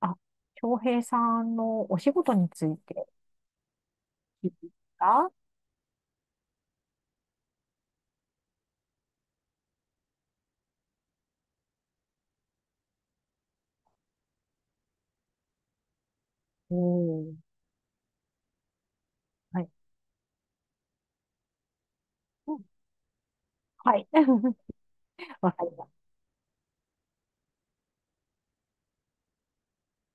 あ、京平さんのお仕事について聞いていいですか？おん。はい。うんはい。わかります。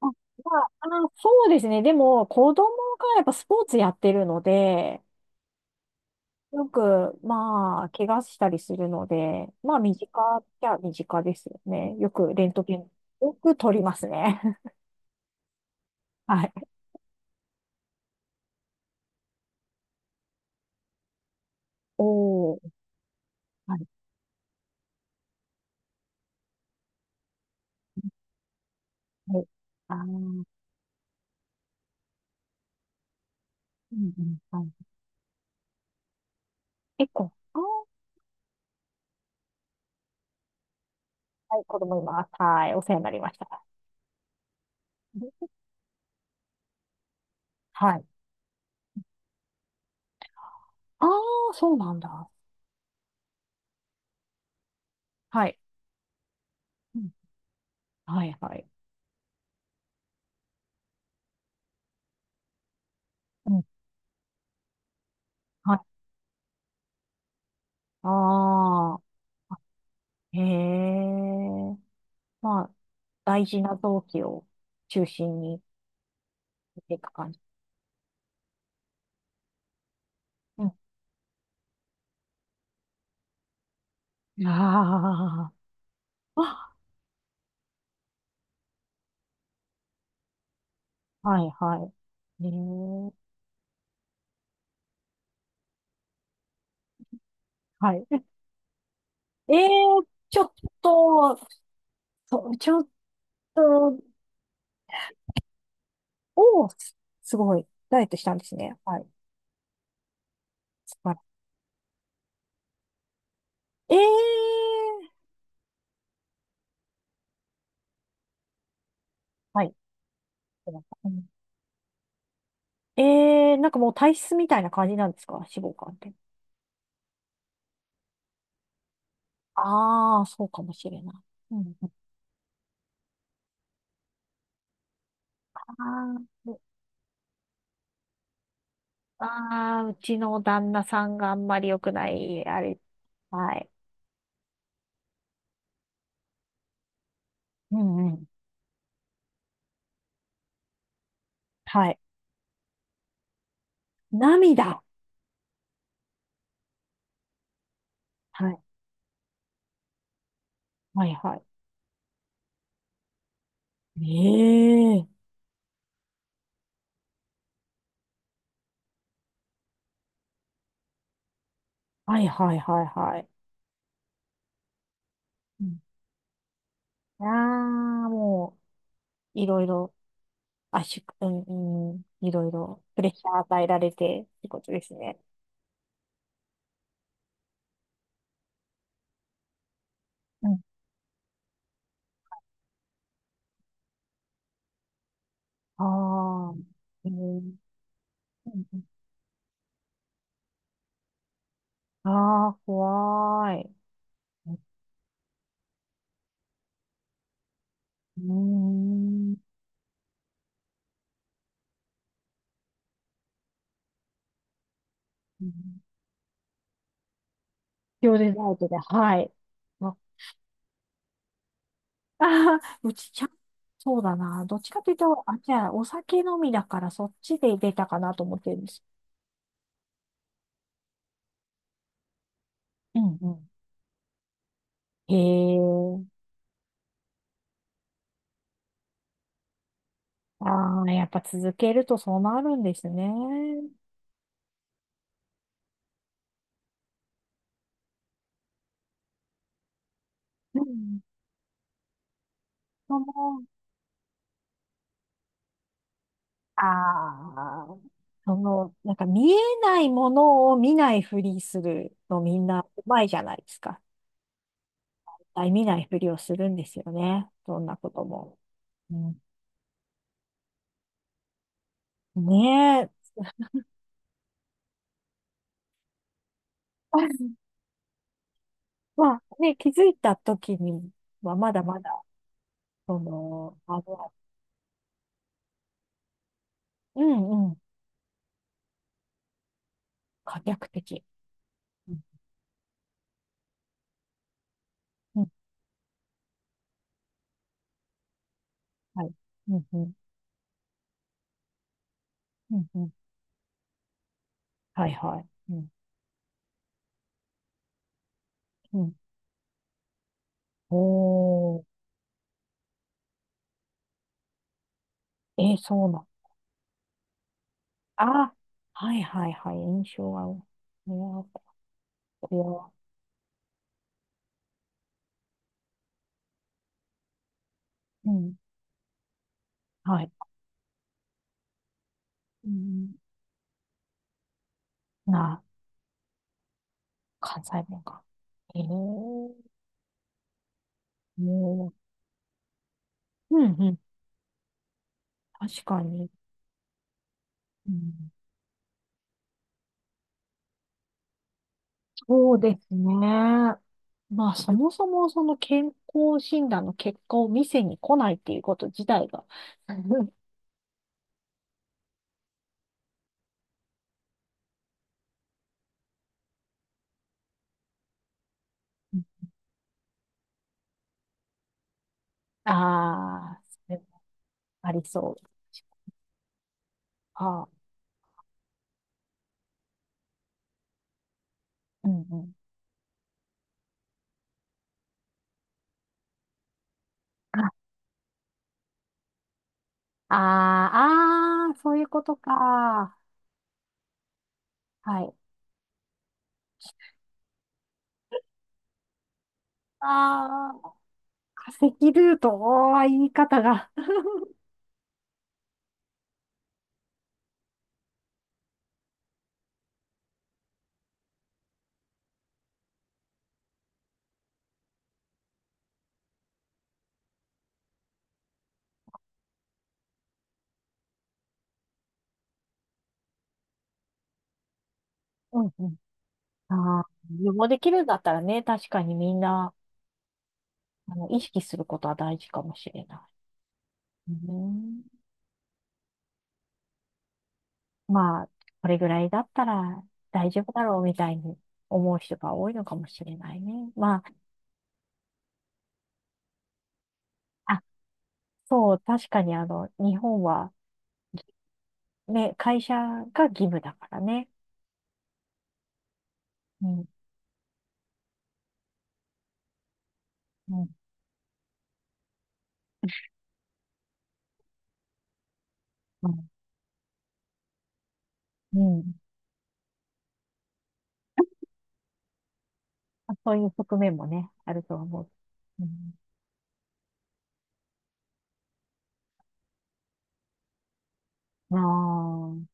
あ、まあ、あの、そうですね。でも、子供がやっぱスポーツやってるので、よく、まあ、怪我したりするので、まあ、身近っちゃ身近ですよね。よくレントゲン、よく取りますね。はい。おー。はい。はい。あー、うんうん。はい。結構、はい、子供います。はい。お世話になりました。はい。ああ、そうなんだ。はい。うん。はい、はい。うん。はい。ああ、へえ。まあ、大事な臓器を中心に見ていく感じ。うん。ああ、あはい、はい。へえ。はい。ええ、ちょっと、そうちょっと、おお、すごい。ダイエットしたんですね。はい。素晴らしい。ええ、はい。うんええ、なんかもう体質みたいな感じなんですか脂肪肝って。ああ、そうかもしれない。うん。あーうあうちの旦那さんがあんまり良くない、あれ。はい。うんうん。はい。涙。はい。はいはい。ええはいはいはいはい。うんああ、もう、いろいろ、圧縮、うん、うん、いろいろ、プレッシャー与えられて、ってことですね。うんああ、えー、うんうんああ、怖い。うーん。うん秒でダイエットで、はい。ああー、うちちゃん、そうだな。どっちかというと、あ、じゃあ、お酒飲みだから、そっちで出たかなと思ってるんです。うんうん。へえ。ああ、やっぱ続けるとそうなるんですね。うん。その、ああ、その、なんか見えないものを見ないふりするのみんなうまいじゃないですか。絶対見ないふりをするんですよね。どんなことも。うんねえ。まあね、気づいた時にはまだまだ、その、あの、うんうん、可逆的。うん、うん、はい。うん、うん、うん、うん。はい、はい。うん、うん。おー、えー、そうなん。あ、はい、はい、はい。印象は、いやこれは、うん、はい。うん、な、関西弁か。えー、もう、うん、うん、確かに。うんそうですね。まあ、そもそもその健康診断の結果を見せに来ないっていうこと自体が、ああそれはありそう。ああ、うんうん。ああー、あーそういうことか。はい。ああ、化石ルート、おー言い方が。うんうん。ああ、予防できるんだったらね、確かにみんな、あの、意識することは大事かもしれない。うんまあ、これぐらいだったら大丈夫だろうみたいに思う人が多いのかもしれないね。まあ、あ、そう、確かにあの、日本はね、会社が義務だからね。うん、うん、うん。うんあそういう側面もね、あると思う。うん、あー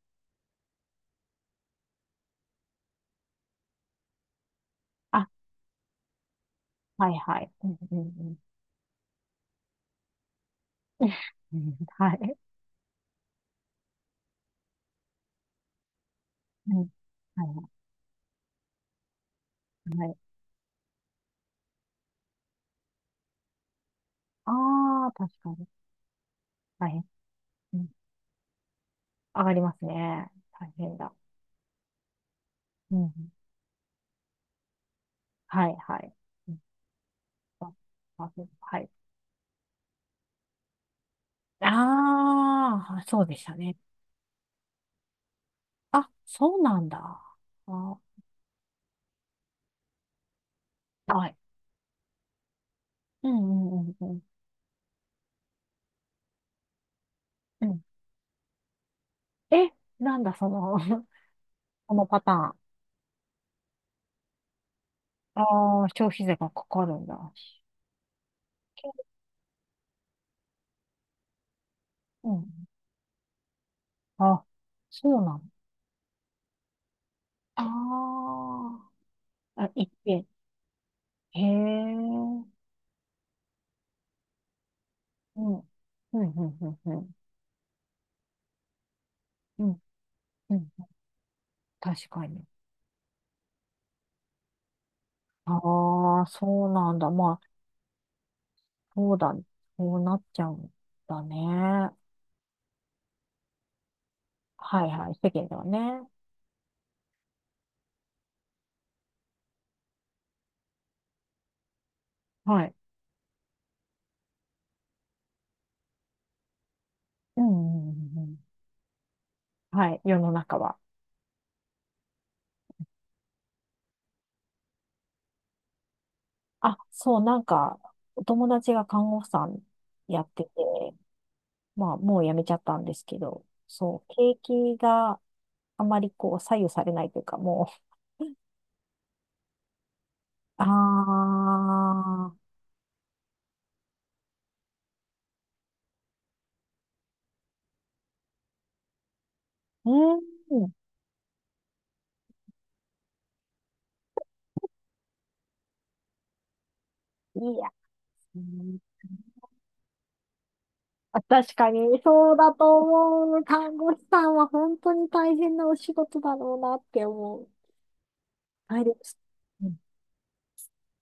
あ、はいはい。うん、うん、うん。うんはい。うん、はい、はい。ああ、確かに。大変。うん、上がりますね。大変だ。うん、はい、はい。ああはい。ああ、そうでしたね。あ、そうなんだ。あ、はい。うんうんうんうん。うんえ、なんだその このパターン。ああ、消費税がかかるんだ。うん。あ、そうなの。ああ、あ、一遍。へえ。うん。うん、うん、うん、うん。うん、うん確かに。ああ、そうなんだ。まあ、そうだ。そうなっちゃうんだね。はいはい、世間ではね。はい。うんうんうんうんはい、世の中は。あ、そう、なんか、お友達が看護婦さんやってて、まあ、もう辞めちゃったんですけど、そう、景気があまりこう、左右されないというか、もう、ああうん、いいやつね。あ確かに、そうだと思う。看護師さんは本当に大変なお仕事だろうなって思う。はいです。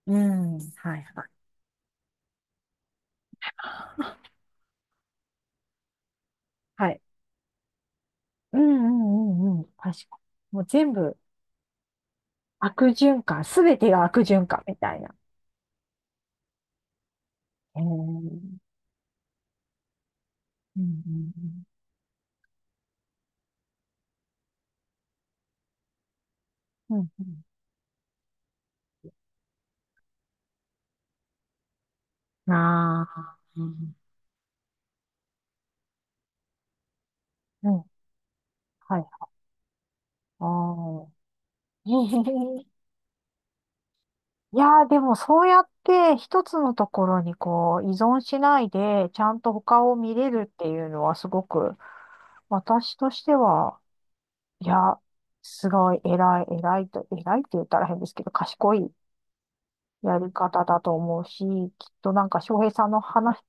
うん。うんはいはい。はい。うんうんうんうん。確かに。もう全部悪循環、すべてが悪循環みたいな。えー、うんうんうん。うんうん。ああ。うんうん。はい。ああ。いやー、でもそうやって一つのところにこう依存しないで、ちゃんと他を見れるっていうのはすごく、私としては、いや、すごい偉い、偉いと、偉いって言ったら変ですけど、賢いやり方だと思うし、きっとなんか翔平さんの話、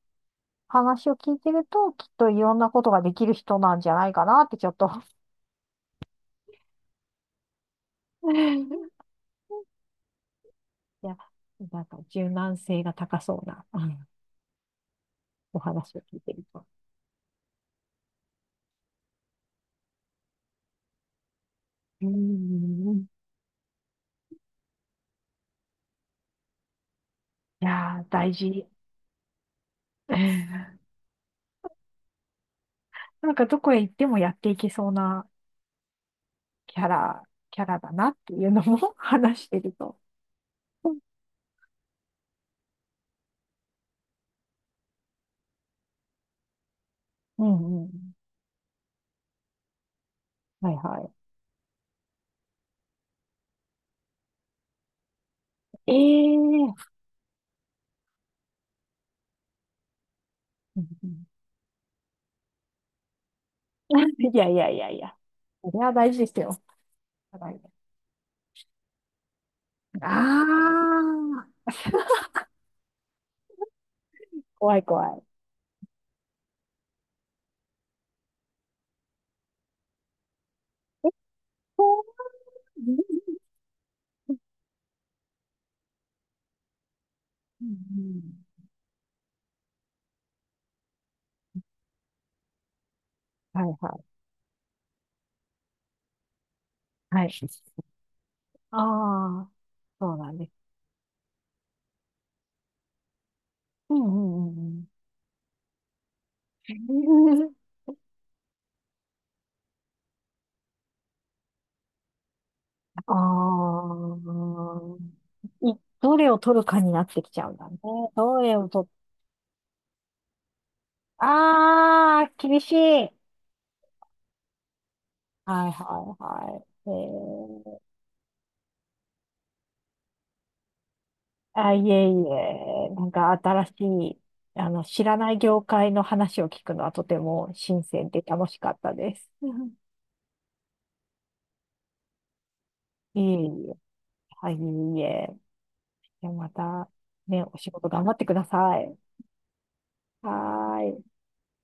話を聞いてると、きっといろんなことができる人なんじゃないかなってちょっと いや、なんか柔軟性が高そうな、あのお話を聞いてると。うん。いやー、大事。なんかどこへ行ってもやっていけそうなキャラ、キャラだなっていうのも 話してると。うんうん。はいはい。ええー。うんうん いやいやいやいや。それは大事ですよ。はいああ、怖い怖い。え、こううんうんう、はいはい。はい。ああ、そうなんです。うんうんうんうん。ああ、い、どれを取るかになってきちゃうんだね。どれを取っ、ああ、厳しい。はいはいはい。えー、あ、いえいえ、なんか新しい、あの、知らない業界の話を聞くのはとても新鮮で楽しかったです。いえいえ。はい、いえいえ。じゃあまた、ね、お仕事頑張ってください。はーい。